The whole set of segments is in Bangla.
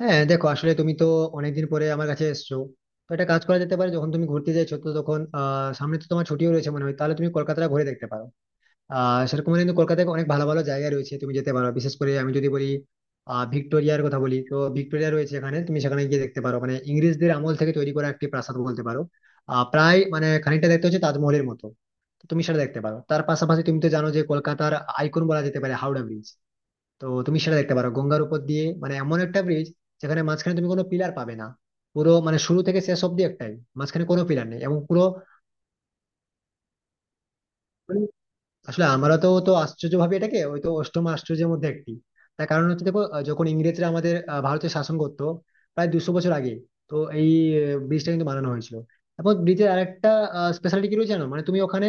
হ্যাঁ, দেখো, আসলে তুমি তো অনেকদিন পরে আমার কাছে এসছো। তো একটা কাজ করা যেতে পারে, যখন তুমি ঘুরতে যাচ্ছো, তো তখন সামনে তো তোমার ছুটিও রয়েছে মনে হয়, তাহলে তুমি কলকাতাটা ঘুরে দেখতে পারো। সেরকম হলে কিন্তু কলকাতায় অনেক ভালো ভালো জায়গা রয়েছে, তুমি যেতে পারো। বিশেষ করে আমি যদি বলি, ভিক্টোরিয়ার কথা বলি, তো ভিক্টোরিয়া রয়েছে এখানে, তুমি সেখানে গিয়ে দেখতে পারো। মানে ইংরেজদের আমল থেকে তৈরি করা একটি প্রাসাদ বলতে পারো। প্রায় মানে খানিকটা দেখতে হচ্ছে তাজমহলের মতো। তো তুমি সেটা দেখতে পারো। তার পাশাপাশি তুমি তো জানো যে কলকাতার আইকন বলা যেতে পারে হাওড়া ব্রিজ। তো তুমি সেটা দেখতে পারো। গঙ্গার উপর দিয়ে মানে এমন একটা ব্রিজ যেখানে মাঝখানে তুমি কোনো পিলার পাবে না। পুরো মানে শুরু থেকে শেষ অব্দি একটাই, মাঝখানে কোনো পিলার নেই, এবং পুরো মানে আসলে আমরা তো তো আশ্চর্য ভাবে এটাকে ওই তো অষ্টম আশ্চর্যের মধ্যে একটি। তার কারণ হচ্ছে, দেখো, যখন ইংরেজরা আমাদের ভারতে শাসন করতো প্রায় 200 বছর আগে, তো এই ব্রিজটা কিন্তু বানানো হয়েছিল। এবং ব্রিজের আরেকটা স্পেশালিটি কি রয়েছে জানো, মানে তুমি ওখানে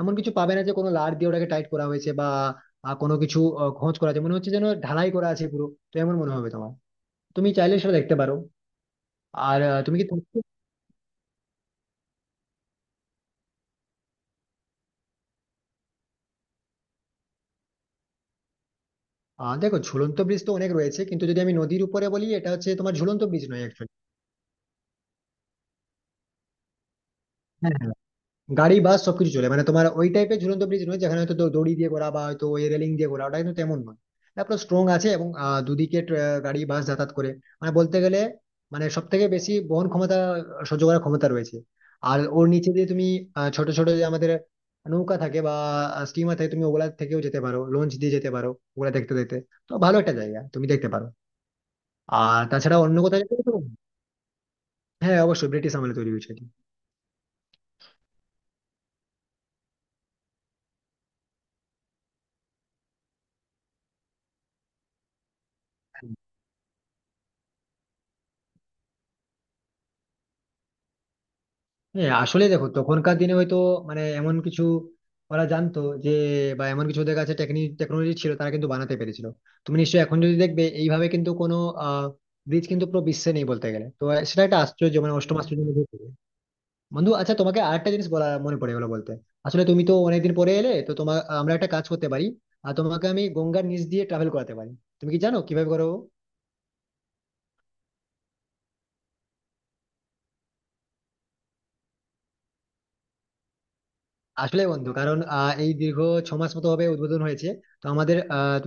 এমন কিছু পাবে না যে কোনো লার দিয়ে ওটাকে টাইট করা হয়েছে বা কোনো কিছু খোঁজ করা আছে, মনে হচ্ছে যেন ঢালাই করা আছে পুরো। তো এমন মনে হবে তোমার, তুমি চাইলে সেটা দেখতে পারো। আর আহ, তুমি কি দেখো, ঝুলন্ত ব্রিজ তো অনেক রয়েছে, কিন্তু যদি আমি নদীর উপরে বলি, এটা হচ্ছে তোমার ঝুলন্ত ব্রিজ নয় অ্যাকচুয়ালি। হ্যাঁ, গাড়ি বাস সবকিছু চলে, মানে তোমার ওই টাইপের ঝুলন্ত ব্রিজ নয় যেখানে হয়তো দড়ি দিয়ে করা বা হয়তো ওই রেলিং দিয়ে করা, ওটা কিন্তু তেমন নয়। তারপর স্ট্রং আছে এবং দুদিকে গাড়ি বাস যাতায়াত করে। মানে বলতে গেলে মানে সব থেকে বেশি বহন ক্ষমতা, সহ্য করার ক্ষমতা রয়েছে। আর ওর নিচে দিয়ে তুমি ছোট ছোট যে আমাদের নৌকা থাকে বা স্টিমার থাকে, তুমি ওগুলা থেকেও যেতে পারো, লঞ্চ দিয়ে যেতে পারো, ওগুলা দেখতে দেখতে। তো ভালো একটা জায়গা, তুমি দেখতে পারো। আর তাছাড়া অন্য কোথাও যেতে পারো? হ্যাঁ, অবশ্যই ব্রিটিশ আমলে তৈরি হয়েছে এটি। হ্যাঁ আসলে দেখো, তখনকার দিনে হয়তো মানে এমন কিছু ওরা জানতো যে, বা এমন কিছু ওদের কাছে টেকনিক টেকনোলজি ছিল, তারা কিন্তু বানাতে পেরেছিল। তুমি নিশ্চয়ই এখন যদি দেখবে, এইভাবে কিন্তু কোনো আহ ব্রিজ কিন্তু পুরো বিশ্বে নেই বলতে গেলে। তো সেটা একটা আশ্চর্য, মানে অষ্টম আশ্চর্যের মধ্যে পড়ে। বন্ধু, আচ্ছা, তোমাকে আরেকটা জিনিস বলা মনে পড়ে গেলো বলতে। আসলে তুমি তো অনেকদিন পরে এলে, তো তোমার আমরা একটা কাজ করতে পারি, আর তোমাকে আমি গঙ্গার নিচ দিয়ে ট্রাভেল করাতে পারি। তুমি কি জানো কিভাবে করো? আসলে বন্ধু, কারণ এই দীর্ঘ 6 মাস মতো হবে উদ্বোধন হয়েছে, তো আমাদের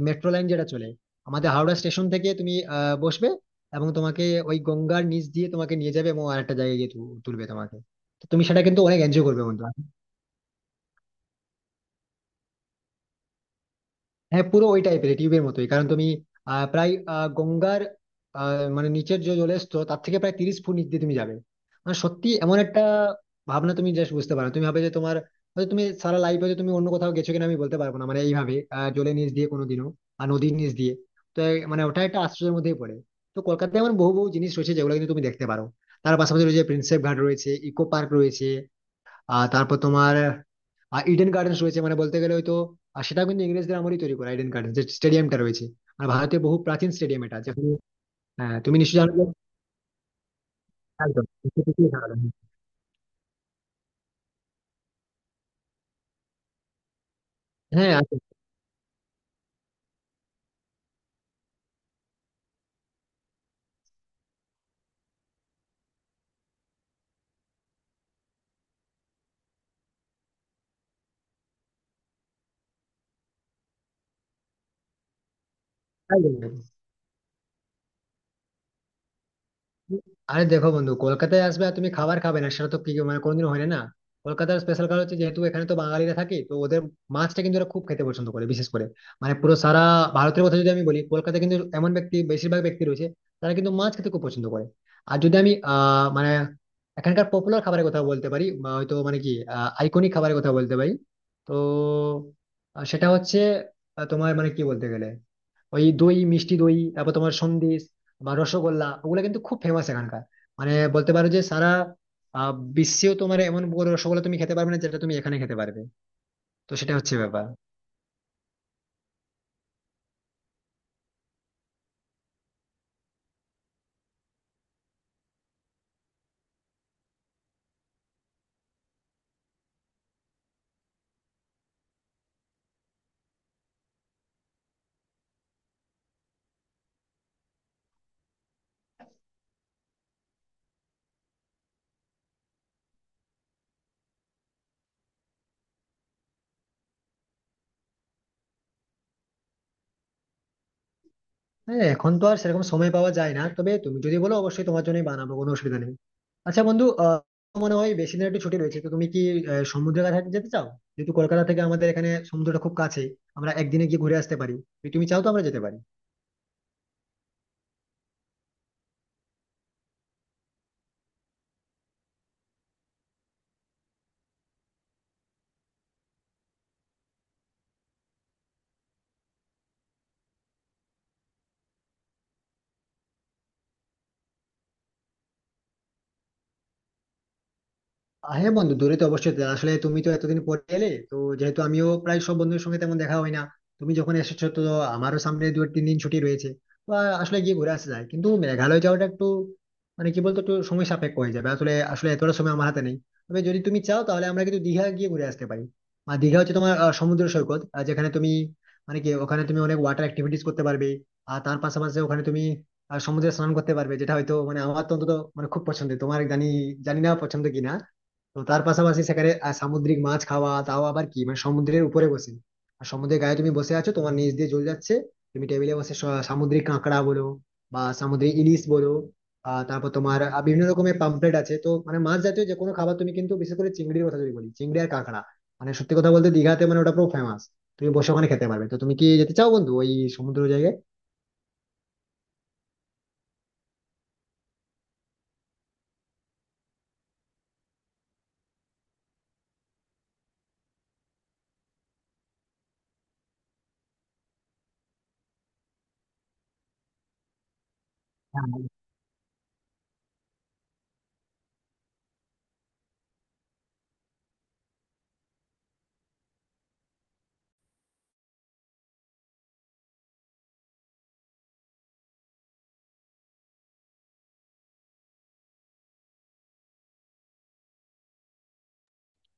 মেট্রো লাইন যেটা চলে আমাদের হাওড়া স্টেশন থেকে, তুমি বসবে, এবং তোমাকে ওই গঙ্গার নিচ দিয়ে তোমাকে নিয়ে যাবে এবং আরেকটা জায়গায় গিয়ে তুলবে তোমাকে। তো তুমি সেটা কিন্তু অনেক এনজয় করবে বন্ধু। হ্যাঁ, পুরো ওই টাইপের টিউবের মতোই, কারণ তুমি প্রায় আহ, মানে নিচের যে জলের স্তর, তার থেকে প্রায় 30 ফুট নিচ দিয়ে তুমি যাবে। মানে সত্যি এমন একটা ভাবনা তুমি জাস্ট বুঝতে পারো না। তুমি ভাবে যে তোমার হয়তো তুমি সারা লাইফ, হয়তো তুমি অন্য কোথাও গেছো কিনা আমি বলতে পারবো না, মানে এইভাবে জলের নিচ দিয়ে কোনোদিনও, আর নদীর নিচ দিয়ে। তো মানে ওটা একটা আশ্চর্যের মধ্যেই পড়ে। তো কলকাতায় এমন বহু বহু জিনিস রয়েছে যেগুলো কিন্তু তুমি দেখতে পারো। তার পাশাপাশি রয়েছে প্রিন্সেপ ঘাট, রয়েছে ইকো পার্ক, রয়েছে তারপর তোমার আর ইডেন গার্ডেন্স রয়েছে। মানে বলতে গেলে হয়তো, আর সেটা কিন্তু ইংরেজদের আমলই তৈরি করা, ইডেন গার্ডেন্স যে স্টেডিয়ামটা রয়েছে, আর ভারতের বহু প্রাচীন স্টেডিয়াম এটা, যেখানে তুমি নিশ্চয়ই জানো যে- একদম। হ্যাঁ, আছে। একদম, একদম। আরে দেখো বন্ধু, কলকাতায় আসবে আর তুমি খাবার খাবে না, সেটা তো কি মানে কোনোদিন হয় না। কলকাতার স্পেশাল কারণ হচ্ছে, যেহেতু এখানে তো বাঙালিরা থাকে, তো ওদের মাছটা কিন্তু ওরা খুব খেতে পছন্দ করে। বিশেষ করে মানে পুরো সারা ভারতের কথা যদি আমি বলি, কলকাতায় কিন্তু এমন ব্যক্তি, বেশিরভাগ ব্যক্তি রয়েছে, তারা কিন্তু মাছ খেতে খুব পছন্দ করে। আর যদি আমি মানে এখানকার পপুলার খাবারের কথা বলতে পারি, বা হয়তো মানে কি আইকনিক খাবারের কথা বলতে পারি, তো সেটা হচ্ছে তোমার মানে কি বলতে গেলে, ওই দই, মিষ্টি দই, তারপর তোমার সন্দেশ বা রসগোল্লা, ওগুলো কিন্তু খুব ফেমাস এখানকার। মানে বলতে পারো যে সারা বিশ্বেও তোমার এমন বড় রসগোল্লা তুমি খেতে পারবে না যেটা তুমি এখানে খেতে পারবে। তো সেটা হচ্ছে ব্যাপার। হ্যাঁ, এখন তো আর সেরকম সময় পাওয়া যায় না, তবে তুমি যদি বলো, অবশ্যই তোমার জন্যই বানাবো, কোনো অসুবিধা নেই। আচ্ছা বন্ধু, মনে হয় বেশি দিন একটু ছুটি রয়েছে, তো তুমি কি সমুদ্রের কাছে যেতে চাও? যেহেতু কলকাতা থেকে আমাদের এখানে সমুদ্রটা খুব কাছে, আমরা একদিনে গিয়ে ঘুরে আসতে পারি। যদি তুমি চাও তো আমরা যেতে পারি। হ্যাঁ বন্ধু, দূরে তো অবশ্যই পেলাম। আসলে তুমি তো এতদিন পরে এলে, তো যেহেতু আমিও প্রায় সব বন্ধুদের সঙ্গে তেমন দেখা হয় না, তুমি যখন এসেছো, তো আমারও সামনে 2-3 দিন ছুটি রয়েছে। তো আসলে গিয়ে ঘুরে আসা যায়, কিন্তু মেঘালয় যাওয়াটা একটু মানে কি বলতো একটু সময় সাপেক্ষ হয়ে যাবে, আসলে আসলে এতটা সময় আমার হাতে নেই। তবে যদি তুমি চাও, তাহলে আমরা কিন্তু দীঘা গিয়ে ঘুরে আসতে পারি। আর দীঘা হচ্ছে তোমার সমুদ্র সৈকত, যেখানে তুমি মানে কি ওখানে তুমি অনেক ওয়াটার অ্যাক্টিভিটিস করতে পারবে। আর তার পাশাপাশি ওখানে তুমি সমুদ্রে স্নান করতে পারবে, যেটা হয়তো মানে আমার তো অন্তত মানে খুব পছন্দের। তোমার জানি, জানি না পছন্দ কিনা। তো তার পাশাপাশি সেখানে সামুদ্রিক মাছ খাওয়া, তাও আবার কি মানে সমুদ্রের উপরে বসে, আর সমুদ্রের গায়ে তুমি বসে আছো, তোমার নিচ দিয়ে জল যাচ্ছে, তুমি টেবিলে বসে সামুদ্রিক কাঁকড়া বলো বা সামুদ্রিক ইলিশ বলো, তারপর তোমার বিভিন্ন রকমের পাম্পলেট আছে, তো মানে মাছ জাতীয় যে কোনো খাবার তুমি কিন্তু, বিশেষ করে চিংড়ির কথা যদি বলি, চিংড়ি আর কাঁকড়া মানে সত্যি কথা বলতে দীঘাতে মানে ওটা পুরো ফেমাস। তুমি বসে ওখানে খেতে পারবে। তো তুমি কি যেতে চাও বন্ধু ওই সমুদ্র জায়গায়? হ্যাঁ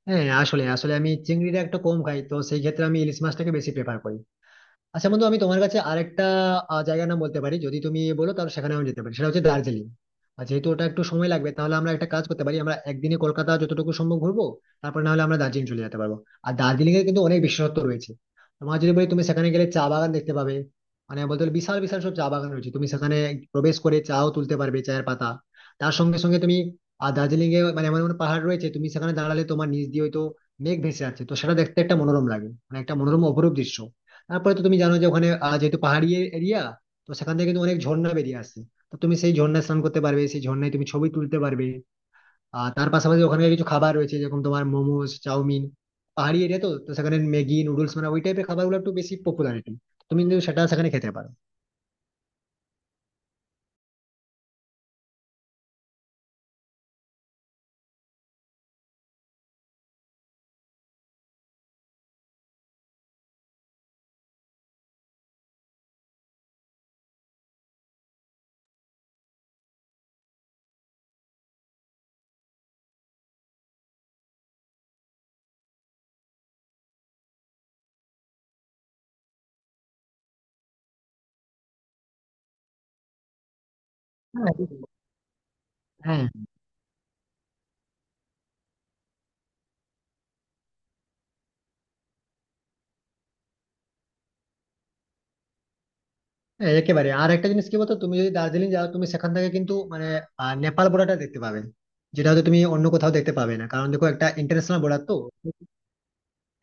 হ্যাঁ, আসলে আসলে আমি চিংড়িটা একটু কম খাই, তো সেই ক্ষেত্রে আমি ইলিশ মাছটাকে বেশি প্রেফার করি। আচ্ছা বন্ধু, আমি তোমার কাছে আরেকটা জায়গার নাম বলতে পারি, যদি তুমি বলো তাহলে সেখানে আমি যেতে পারি। সেটা হচ্ছে দার্জিলিং। আর যেহেতু ওটা একটু সময় লাগবে, তাহলে আমরা একটা কাজ করতে পারি, আমরা একদিনে কলকাতা যতটুকু সম্ভব ঘুরবো, তারপর না হলে আমরা দার্জিলিং চলে যেতে পারবো। আর দার্জিলিং এর কিন্তু অনেক বিশেষত্ব রয়েছে। তোমার যদি বলি, তুমি সেখানে গেলে চা বাগান দেখতে পাবে। মানে বলতে গেলে বিশাল বিশাল সব চা বাগান রয়েছে, তুমি সেখানে প্রবেশ করে চাও তুলতে পারবে চায়ের পাতা। তার সঙ্গে সঙ্গে তুমি আর দার্জিলিং এ মানে এমন এমন পাহাড় রয়েছে, তুমি সেখানে দাঁড়ালে তোমার নিচ দিয়ে হয়তো মেঘ ভেসে যাচ্ছে। তো সেটা দেখতে একটা মনোরম লাগে, মানে একটা মনোরম অপরূপ দৃশ্য। তারপরে তো তুমি জানো যে ওখানে যেহেতু পাহাড়ি এরিয়া, তো সেখান থেকে কিন্তু অনেক ঝর্ণা বেরিয়ে আসছে। তো তুমি সেই ঝর্ণায় স্নান করতে পারবে, সেই ঝর্ণায় তুমি ছবি তুলতে পারবে। আর তার পাশাপাশি ওখানে কিছু খাবার রয়েছে, যেরকম তোমার মোমোস, চাউমিন, পাহাড়ি এরিয়া, তো তো সেখানে ম্যাগি নুডলস, মানে ওই টাইপের খাবারগুলো একটু বেশি পপুলারিটি, তুমি কিন্তু সেটা সেখানে খেতে পারো। হ্যাঁ, হ্যাঁ। হ্যাঁ, একেবারে। আর একটা জিনিস কি বলতো, তুমি যদি দার্জিলিং যাও, তুমি সেখান থেকে কিন্তু মানে নেপাল বর্ডারটা দেখতে পাবে, যেটা হয়তো তুমি অন্য কোথাও দেখতে পাবে না, কারণ দেখো, একটা ইন্টারন্যাশনাল বর্ডার তো।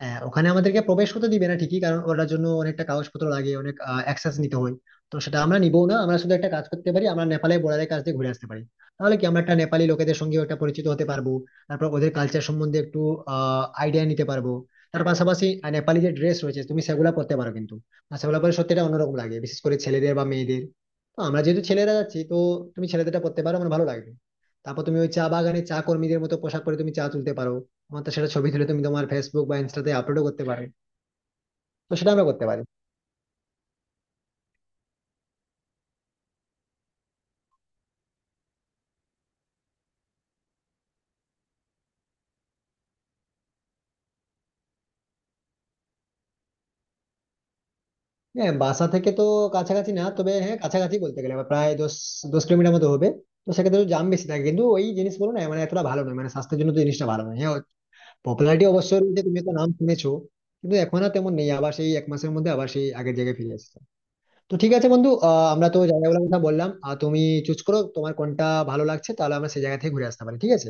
হ্যাঁ, ওখানে আমাদেরকে প্রবেশ করতে দিবে না ঠিকই, কারণ ওটার জন্য অনেকটা কাগজপত্র লাগে, অনেক অ্যাক্সেস নিতে হয়। তো সেটা আমরা নিবো না, আমরা শুধু একটা কাজ করতে পারি, আমরা নেপালের বর্ডারের কাছ দিয়ে ঘুরে আসতে পারি। তাহলে কি আমরা একটা নেপালি লোকেদের সঙ্গে একটা পরিচিত হতে পারবো, তারপর ওদের কালচার সম্বন্ধে একটু আইডিয়া নিতে পারবো। তার পাশাপাশি নেপালি যে ড্রেস রয়েছে, তুমি সেগুলো পরতে পারো কিন্তু। আর সেগুলো পরে সত্যি এটা অন্যরকম লাগে, বিশেষ করে ছেলেদের বা মেয়েদের। তো আমরা যেহেতু ছেলেরা যাচ্ছি, তো তুমি ছেলেদেরটা পরতে পারো, আমার ভালো লাগবে। তারপর তুমি ওই চা বাগানে চা কর্মীদের মতো পোশাক পরে তুমি চা তুলতে পারো। আমার তো সেটা ছবি তুলে তুমি তোমার ফেসবুক বা ইনস্টাতে আপলোডও করতে পারো। তো সেটা আমরা করতে পারি। হ্যাঁ, বাসা থেকে তো কাছাকাছি না, তবে হ্যাঁ, কাছাকাছি বলতে গেলে আবার প্রায় দশ দশ কিলোমিটার মতো হবে। তো সেক্ষেত্রে একটু জাম বেশি থাকে, কিন্তু ওই জিনিসগুলো না মানে এতটা ভালো নয়, মানে স্বাস্থ্যের জন্য তো জিনিসটা ভালো নয়। হ্যাঁ, পপুলারিটি অবশ্যই রয়েছে, তুমি তো নাম শুনেছো। কিন্তু এখন আর তেমন নেই, আবার সেই 1 মাসের মধ্যে আবার সেই আগের জায়গায় ফিরে এসেছে। তো ঠিক আছে বন্ধু, আমরা তো জায়গাগুলোর কথা বললাম, আর তুমি চুজ করো তোমার কোনটা ভালো লাগছে, তাহলে আমরা সেই জায়গা থেকে ঘুরে আসতে পারি, ঠিক আছে?